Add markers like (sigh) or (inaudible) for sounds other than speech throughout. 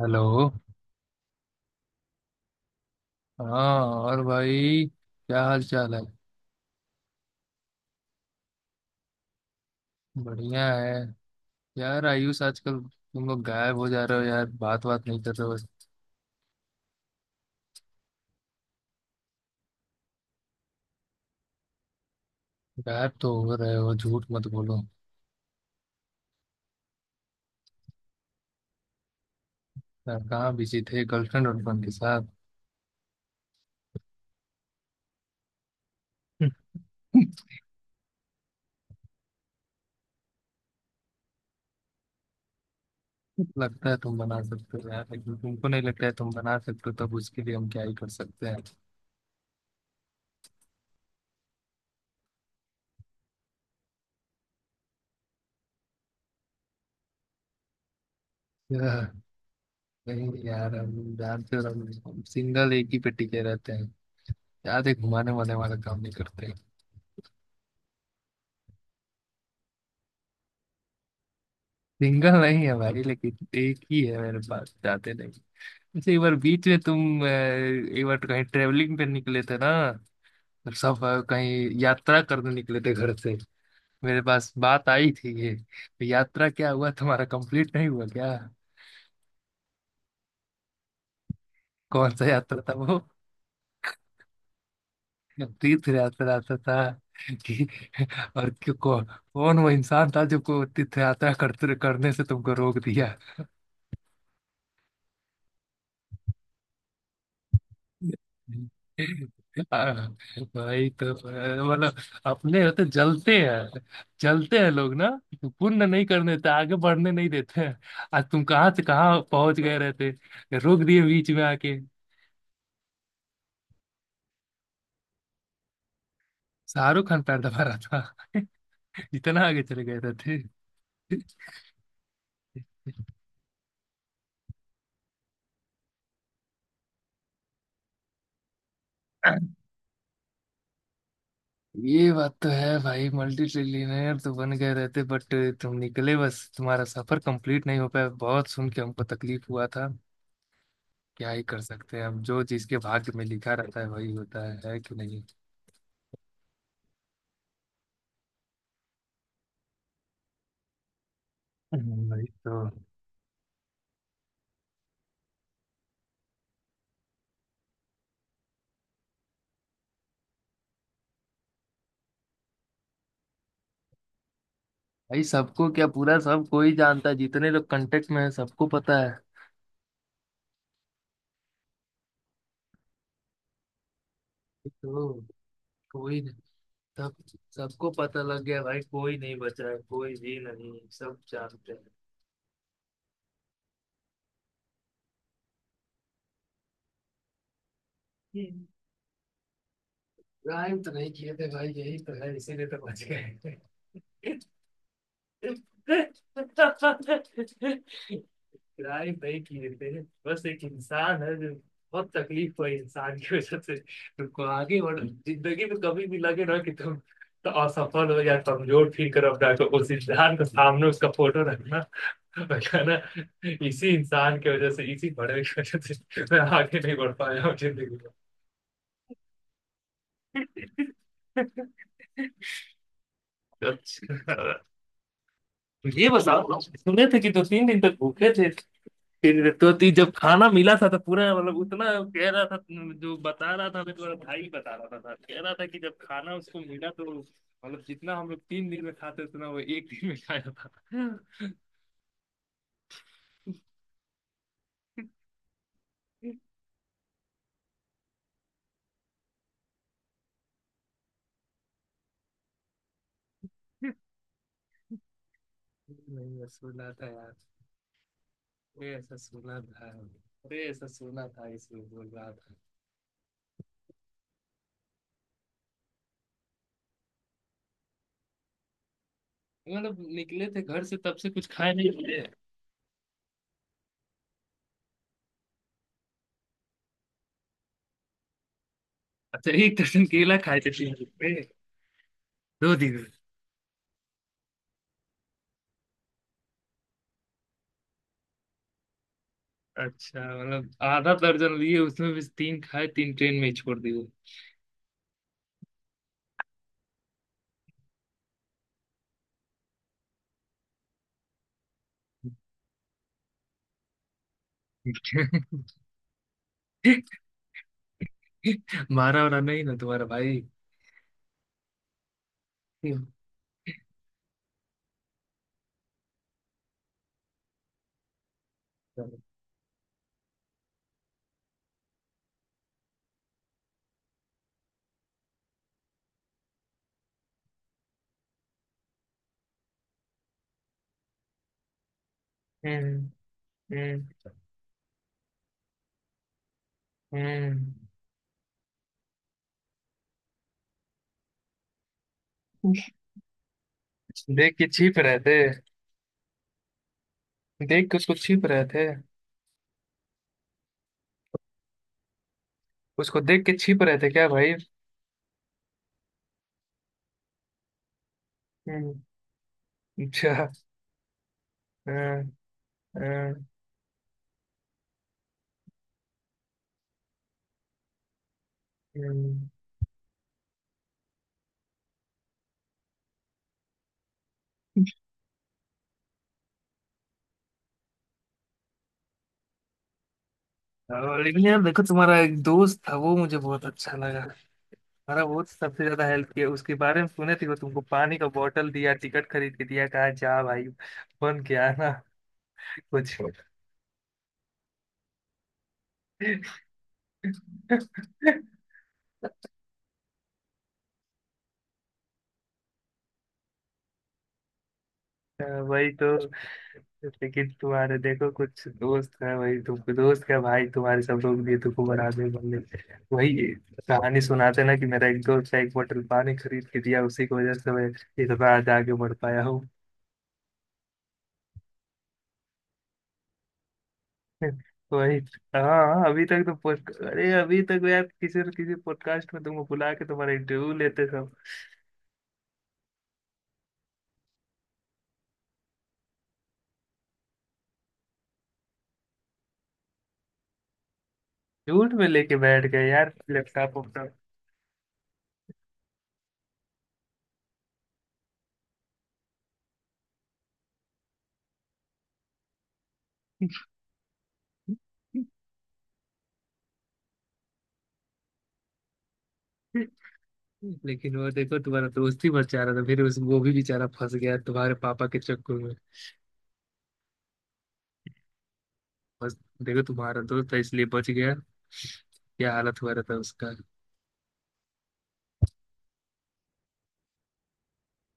Hello. हाँ और भाई, क्या हाल चाल है? बढ़िया है। यार आयुष, आजकल तुम लोग गायब हो जा रहे हो यार, बात बात नहीं कर रहे हो बस। गायब तो हो रहे हो, झूठ मत बोलो। यार कहाँ बिजी थे, गर्लफ्रेंड वर्लफ्रेंड के साथ? (laughs) लगता है तुम बना सकते हो यार, लेकिन तुमको नहीं लगता है तुम बना सकते हो, तब उसके लिए हम क्या ही कर सकते हैं। (laughs) यार, नहीं यार, हम जानते हो। हम सिंगल, एक ही पे टिके रहते हैं। ज्यादा घुमाने वाले वाला काम नहीं करते। सिंगल नहीं है भाई, लेकिन एक ही है, मेरे पास जाते नहीं। अच्छा, एक बार बीच में तुम एक बार कहीं ट्रेवलिंग पे निकले थे ना? सब कहीं यात्रा करने निकले थे घर से। मेरे पास बात आई थी, ये तो यात्रा क्या हुआ तुम्हारा, कंप्लीट नहीं हुआ क्या? कौन सा यात्रा था वो? तीर्थ यात्रा यात्रा था कि। और क्यों कौन वो इंसान था जो को तीर्थ यात्रा करते करने से तुमको रोक दिया? हाँ, भाई तो मतलब। अपने होते जलते हैं। जलते हैं लोग ना। पुण्य नहीं करने देते, आगे बढ़ने नहीं देते हैं। आज तुम कहाँ से कहाँ पहुंच गए रहते। रोक दिए बीच में आके। शाहरुख खान पैर दबा रहा था। (laughs) इतना आगे चले गए रहते। ये बात तो है भाई, मल्टी ट्रिलियनेयर तो बन गए रहते, बट। तुम निकले बस, तुम्हारा सफर कंप्लीट नहीं हो पाया, बहुत सुन के हमको तकलीफ हुआ था। क्या ही कर सकते हैं, अब जो चीज के भाग्य में लिखा रहता है वही होता है कि नहीं? वही तो। भाई सबको क्या, पूरा सब कोई जानता है, जितने लोग कांटेक्ट में है सबको पता है। वही तो, कोई नहीं, सब सबको पता लग गया भाई, कोई नहीं बचा है, कोई भी नहीं, सब जानते हैं। हम्म। क्राइम तो नहीं किए थे भाई, यही तो है, इसीलिए तो बच गए। (laughs) किराए पे ही किए थे। बस एक इंसान है जो बहुत तकलीफ हुई इंसान की वजह से, तुमको आगे बढ़ जिंदगी में कभी भी लगे ना कि तुम तो असफल हो या कमजोर फील करो, अपना को उस इंसान के सामने उसका फोटो रखना और कहना, इसी इंसान की वजह से, इसी बड़े की वजह से मैं आगे नहीं बढ़ पाया हूँ जिंदगी में। अच्छा, ये बताओ, सुने थे कि दो तीन दिन तक भूखे थे। फिर तो ती जब खाना मिला था तो पूरा मतलब उतना। कह रहा था। जो बता रहा था, मेरा भाई बता रहा था, कह रहा था कि जब खाना उसको मिला तो मतलब जितना हम लोग तीन दिन में खाते उतना वो एक दिन में खाया था। नहीं, मैं सुना था यार। मैं ऐसा सुना था। अरे, ऐसा सुना था इसलिए बोल रहा था। मतलब निकले थे घर से, तब से कुछ खाए नहीं थे। अच्छा, एक दर्जन केला खाए थे तीन दिन में? दो दिन में। अच्छा मतलब आधा दर्जन लिए, उसमें भी तीन खाए, तीन ट्रेन में ही छोड़ दिए। (laughs) मारा वारा नहीं ना तुम्हारा भाई? हम्म, हम्म, हम्म। देख के छिप रहे थे? देख के उसको छिप रहे थे? उसको देख के छिप रहे थे क्या भाई? हम्म, अच्छा। हम्म, हम्म, हम्म। और लेकिन यार देखो, तुम्हारा एक दोस्त था, वो मुझे बहुत अच्छा लगा। हमारा वो सबसे ज्यादा हेल्प किया, उसके बारे में सुने थे, वो तुमको पानी का बोतल दिया, टिकट खरीद के दिया, कहा जा भाई बन के आना कुछ। (laughs) अ, वही तो। लेकिन तुम्हारे देखो कुछ दोस्त है, वही तुम दोस्त क्या भाई, तुम्हारे सब लोग भी तुमको बना दे बल्ले। वही कहानी सुनाते ना कि मेरा एक दोस्त है, एक बोतल पानी खरीद के दिया, उसी की वजह से मैं इतना आज आगे बढ़ पाया हूँ। (laughs) वही। हाँ, अभी तक तो पोस्ट अरे अभी तक यार किसी न किसी पॉडकास्ट में तुमको बुला के तुम्हारा इंटरव्यू लेते सब। झूठ में लेके बैठ गए यार लैपटॉप वैपटॉप। (laughs) लेकिन वो देखो तुम्हारा दोस्त ही बचा रहा था, फिर उस वो भी बेचारा फंस गया तुम्हारे पापा के चक्कर में। बस, देखो तुम्हारा दोस्त है इसलिए बच गया। क्या हालत हुआ रहता उसका।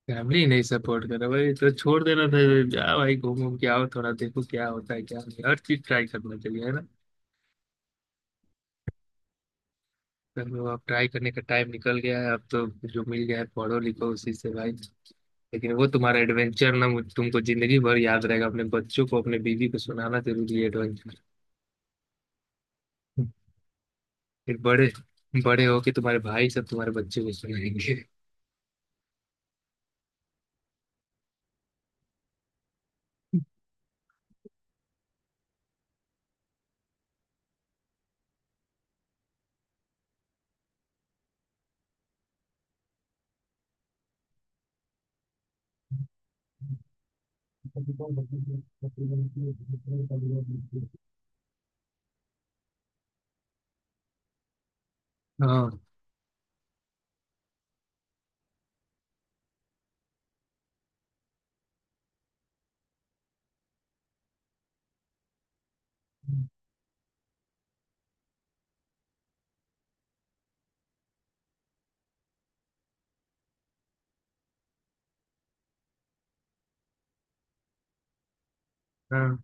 फैमिली नहीं सपोर्ट कर रहा भाई, तो छोड़ देना था। जा भाई घूम घूम के आओ, थोड़ा देखो क्या होता है क्या नहीं, हर चीज ट्राई करना चाहिए है ना। तो अब ट्राई करने का टाइम निकल गया है अब तो। जो मिल गया है पढ़ो लिखो उसी से भाई। लेकिन वो तुम्हारा एडवेंचर ना तुमको जिंदगी भर याद रहेगा, अपने बच्चों को, अपने बीवी को सुनाना जरूरी है एडवेंचर। फिर बड़े बड़े हो के तुम्हारे भाई सब तुम्हारे बच्चे को सुनाएंगे। हाँ, हाँ,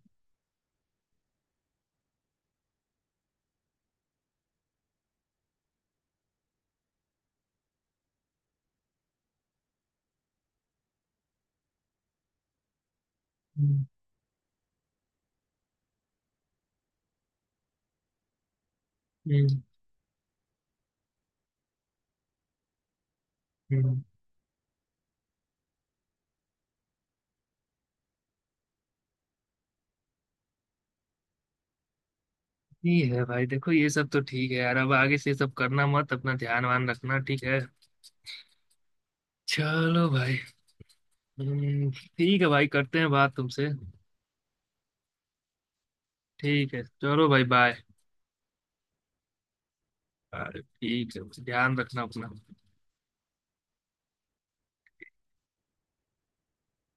हम्म, हम्म। ठीक है भाई, देखो ये सब तो ठीक है यार, अब आगे से ये सब करना मत, अपना ध्यान वान रखना ठीक है? चलो भाई। हम्म, ठीक है भाई, करते हैं बात तुमसे। ठीक है, चलो भाई, बाय। ठीक है, ध्यान रखना अपना।